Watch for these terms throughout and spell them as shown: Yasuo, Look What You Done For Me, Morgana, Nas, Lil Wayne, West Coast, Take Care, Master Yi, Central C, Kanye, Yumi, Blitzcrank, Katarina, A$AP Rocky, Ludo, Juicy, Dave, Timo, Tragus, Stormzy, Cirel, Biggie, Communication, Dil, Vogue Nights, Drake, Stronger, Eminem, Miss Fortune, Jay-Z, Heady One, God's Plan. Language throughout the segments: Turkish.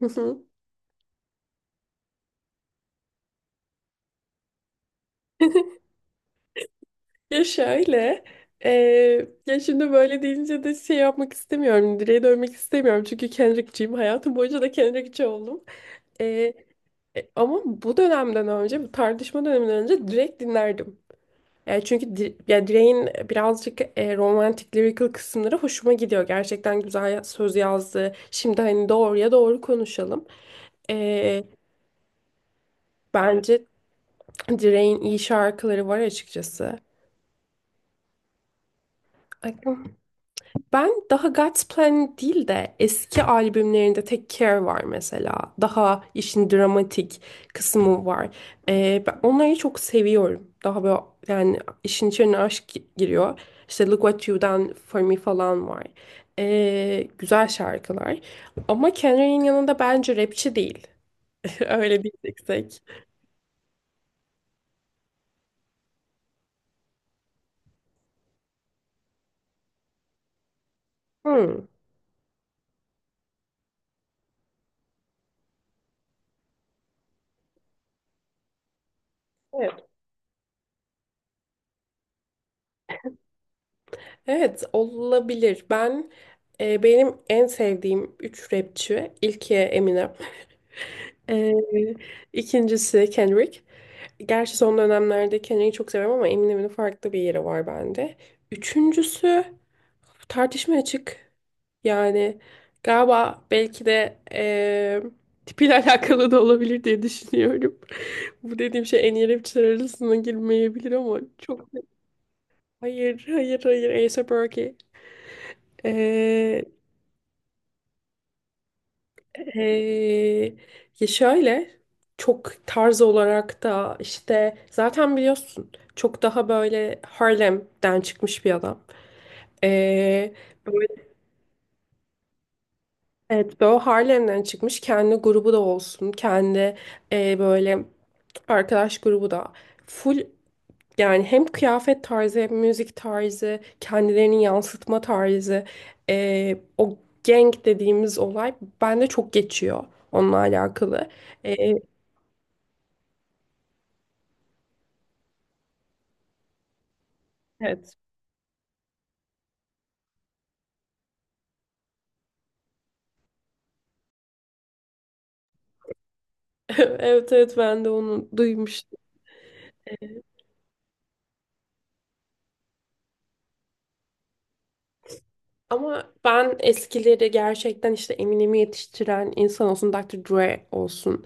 Hı hı. Ya şöyle, ya şimdi böyle deyince de şey yapmak istemiyorum, direğe dönmek istemiyorum çünkü Kendrick'ciyim, hayatım boyunca da Kendrick'ci oldum. Eee, Ama bu dönemden önce, bu tartışma döneminden önce Drake dinlerdim. Yani çünkü ya Drake'in birazcık romantik, lyrical kısımları hoşuma gidiyor. Gerçekten güzel söz yazdı. Şimdi hani doğruya doğru konuşalım. Eee, Bence Drake'in iyi şarkıları var açıkçası. Ben daha God's Plan değil de eski albümlerinde Take Care var mesela. Daha işin dramatik kısmı var. Ben onları çok seviyorum. Daha böyle yani işin içine aşk giriyor. İşte Look What You Done For Me falan var. Güzel şarkılar. Ama Kendrick'in yanında bence rapçi değil. Öyle diyeceksek. Hmm. Evet. Evet olabilir. Benim en sevdiğim 3 rapçi. İlki Eminem. Ee, ikincisi Kendrick. Gerçi son dönemlerde Kendrick'i çok seviyorum ama Eminem'in farklı bir yeri var bende. Üçüncüsü tartışmaya açık. Yani galiba belki de tipiyle alakalı da olabilir diye düşünüyorum. Bu dediğim şey en iyi rapçiler arasına girmeyebilir ama çok hayır, hayır, hayır, A$AP Rocky. Ee, Ya şöyle çok tarz olarak da işte zaten biliyorsun çok daha böyle Harlem'den çıkmış bir adam. Ee, böyle, evet böyle Harlem'den çıkmış kendi grubu da olsun kendi e, böyle arkadaş grubu da full, yani hem kıyafet tarzı hem müzik tarzı kendilerini yansıtma tarzı, o gang dediğimiz olay bende çok geçiyor onunla alakalı. Ee, Evet. Evet, evet, ben de onu duymuştum. Ama ben eskileri gerçekten işte Eminem'i yetiştiren insan olsun, Dr. Dre olsun,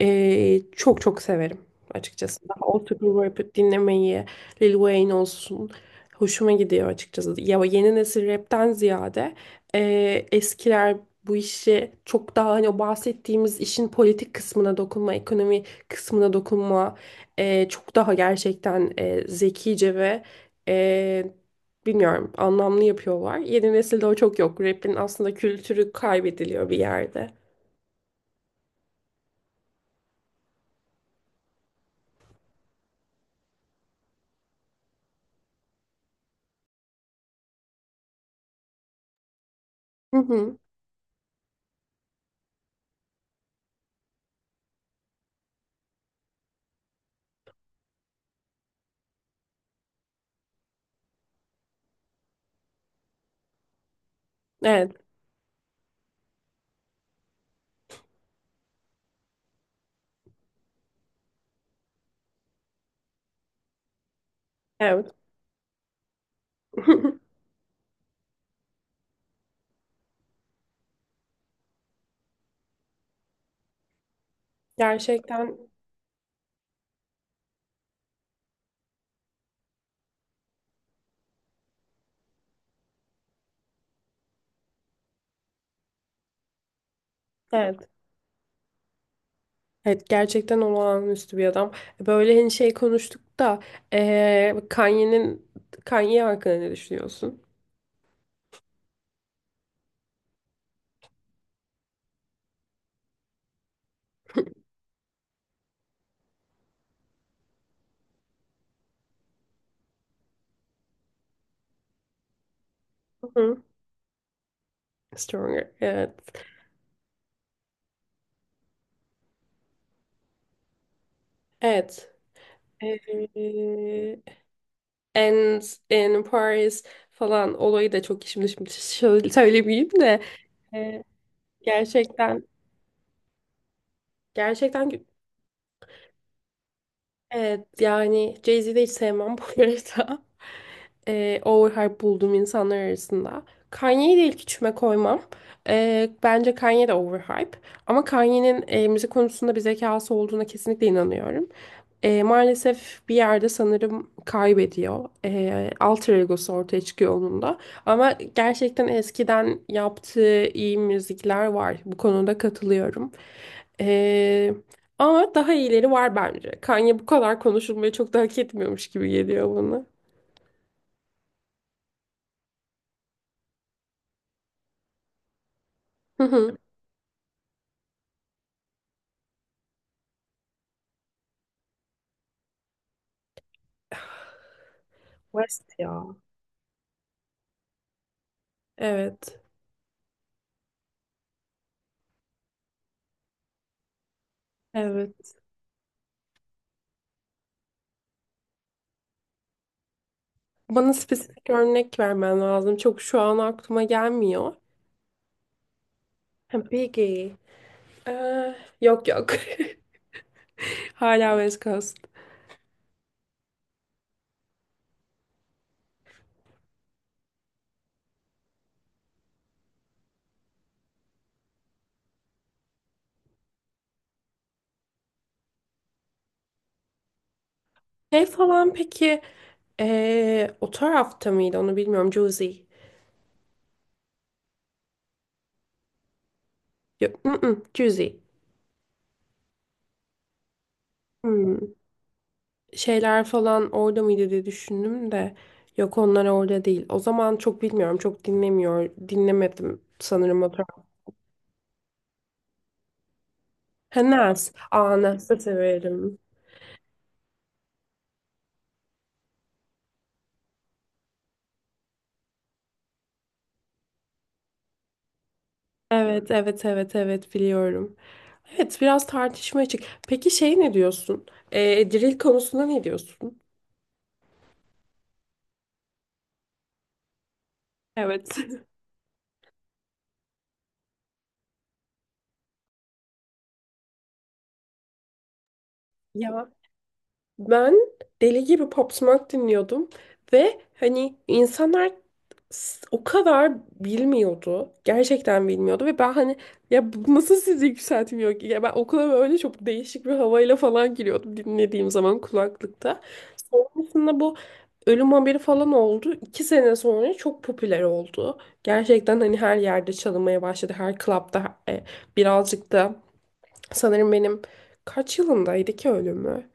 çok çok severim açıkçası. Daha old rap dinlemeyi, Lil Wayne olsun, hoşuma gidiyor açıkçası. Ya yeni nesil rapten ziyade eskiler bu işi çok daha, hani o bahsettiğimiz işin politik kısmına dokunma, ekonomi kısmına dokunma, çok daha gerçekten zekice ve bilmiyorum anlamlı yapıyorlar. Yeni nesilde o çok yok. Rap'in aslında kültürü kaybediliyor bir yerde. Hı hı. Evet, evet. Gerçekten evet. Evet, gerçekten olağanüstü bir adam. Böyle hani şey konuştuk da, Kanye'nin, Kanye hakkında ne düşünüyorsun? Hı hı. Stronger. Evet. Evet. Eee and in Paris falan olayı da çok, şimdi şöyle söylemeyeyim de, eee, gerçekten. Gerçekten. Evet, yani Jay-Z'yi de hiç sevmem bu arada. Overhype bulduğum insanlar arasında. Kanye'yi de ilk üçüme koymam. Bence Kanye de overhype. Ama Kanye'nin müzik konusunda bir zekası olduğuna kesinlikle inanıyorum. Maalesef bir yerde sanırım kaybediyor. Alter egosu ortaya çıkıyor onun da. Ama gerçekten eskiden yaptığı iyi müzikler var. Bu konuda katılıyorum. Ee, Ama daha iyileri var bence. Kanye bu kadar konuşulmayı çok da hak etmiyormuş gibi geliyor bana. Hı hı. West ya. Evet, evet. Bana spesifik örnek vermen lazım. Çok şu an aklıma gelmiyor. Ha, Biggie. Ee, Yok, yok. Hala West Coast. Şey falan, peki, o tarafta mıydı onu bilmiyorum. Juicy. Yok, mm-mm, Juicy. Hmm. Şeyler falan orada mıydı diye düşündüm de, yok, onlar orada değil. O zaman çok bilmiyorum, çok dinlemedim sanırım o tarz. Ha, Nas. Aa, Nas'ı severim. Evet, evet, evet, evet, biliyorum. Evet, biraz tartışma açık. Peki şey ne diyorsun? Drill konusunda ne diyorsun? Evet. Ya, ben deli gibi Pop Smoke dinliyordum ve hani insanlar o kadar bilmiyordu. Gerçekten bilmiyordu ve ben hani, ya bu nasıl sizi yükseltmiyor ki? Ya ben okula böyle çok değişik bir havayla falan giriyordum dinlediğim zaman kulaklıkta. Sonrasında bu ölüm haberi falan oldu. 2 sene sonra çok popüler oldu. Gerçekten hani her yerde çalınmaya başladı. Her klapta, birazcık da sanırım benim, kaç yılındaydı ki ölümü?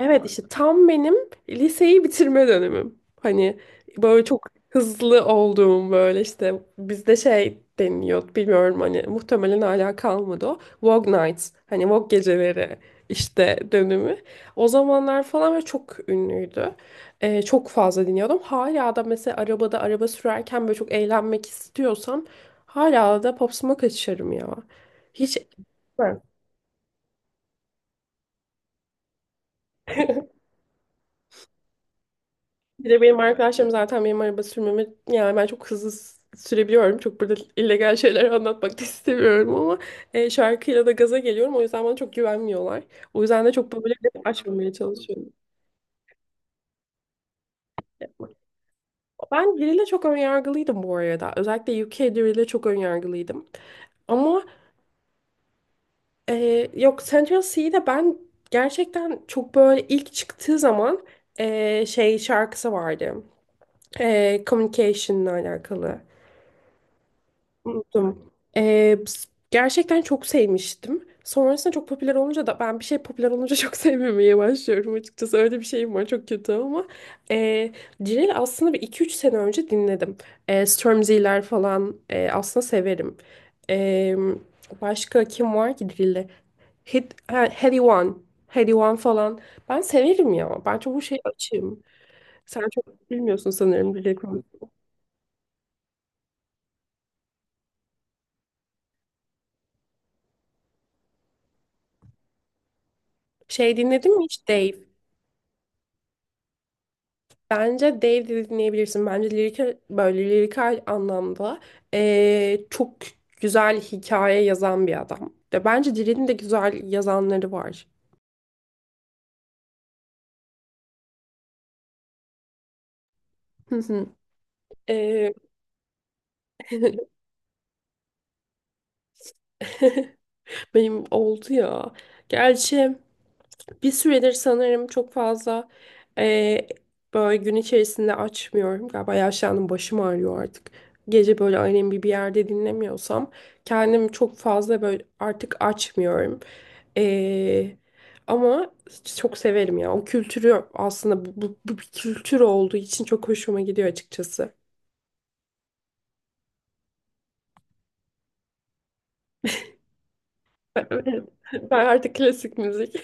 Evet, işte tam benim liseyi bitirme dönemim. Hani böyle çok hızlı olduğum, böyle işte bizde şey deniliyor bilmiyorum hani, muhtemelen hala kalmadı o. Vogue Nights, hani Vogue geceleri işte dönemi. O zamanlar falan ve çok ünlüydü. Çok fazla dinliyordum. Hala da mesela arabada, araba sürerken böyle çok eğlenmek istiyorsam hala da Pop Smoke açarım ya. Hiç... Bir de benim arkadaşlarım zaten benim araba sürmemi, yani ben çok hızlı sürebiliyorum. Çok burada illegal şeyler anlatmak da istemiyorum ama şarkıyla da gaza geliyorum. O yüzden bana çok güvenmiyorlar. O yüzden de çok böyle laf açmamaya çalışıyorum. Ben Drill'e çok önyargılıydım bu arada. Özellikle UK Drill'e çok önyargılıydım. Ama yok, Central C'de ben gerçekten çok böyle, ilk çıktığı zaman şey şarkısı vardı. E, Communication'la alakalı. Unuttum. Gerçekten çok sevmiştim. Sonrasında çok popüler olunca da, ben bir şey popüler olunca çok sevmemeye başlıyorum açıkçası. Öyle bir şeyim var, çok kötü ama. Ee, Cirel'i aslında bir iki üç sene önce dinledim. Stormzy'ler falan aslında severim. Ee, Başka kim var ki Cirel'de? Heady One. Heady One falan. Ben severim ya. Ben çok bu şey açığım. Sen çok bilmiyorsun sanırım Cirel konusunda. Şey dinledin mi hiç Dave? Bence Dave de dinleyebilirsin. Bence lirikal, böyle lirikal anlamda çok güzel hikaye yazan bir adam. De bence Dil'in de güzel yazanları var. Hı hı. Eee, Benim oldu ya. Gerçi Bir süredir sanırım çok fazla, eee, böyle gün içerisinde açmıyorum. Galiba yaşlandım, başım ağrıyor artık. Gece böyle ailemi bir yerde dinlemiyorsam kendimi çok fazla böyle artık açmıyorum. Eee, Ama çok severim ya. O kültürü aslında, bu, bir kültür olduğu için çok hoşuma gidiyor açıkçası. Ben artık klasik müzik.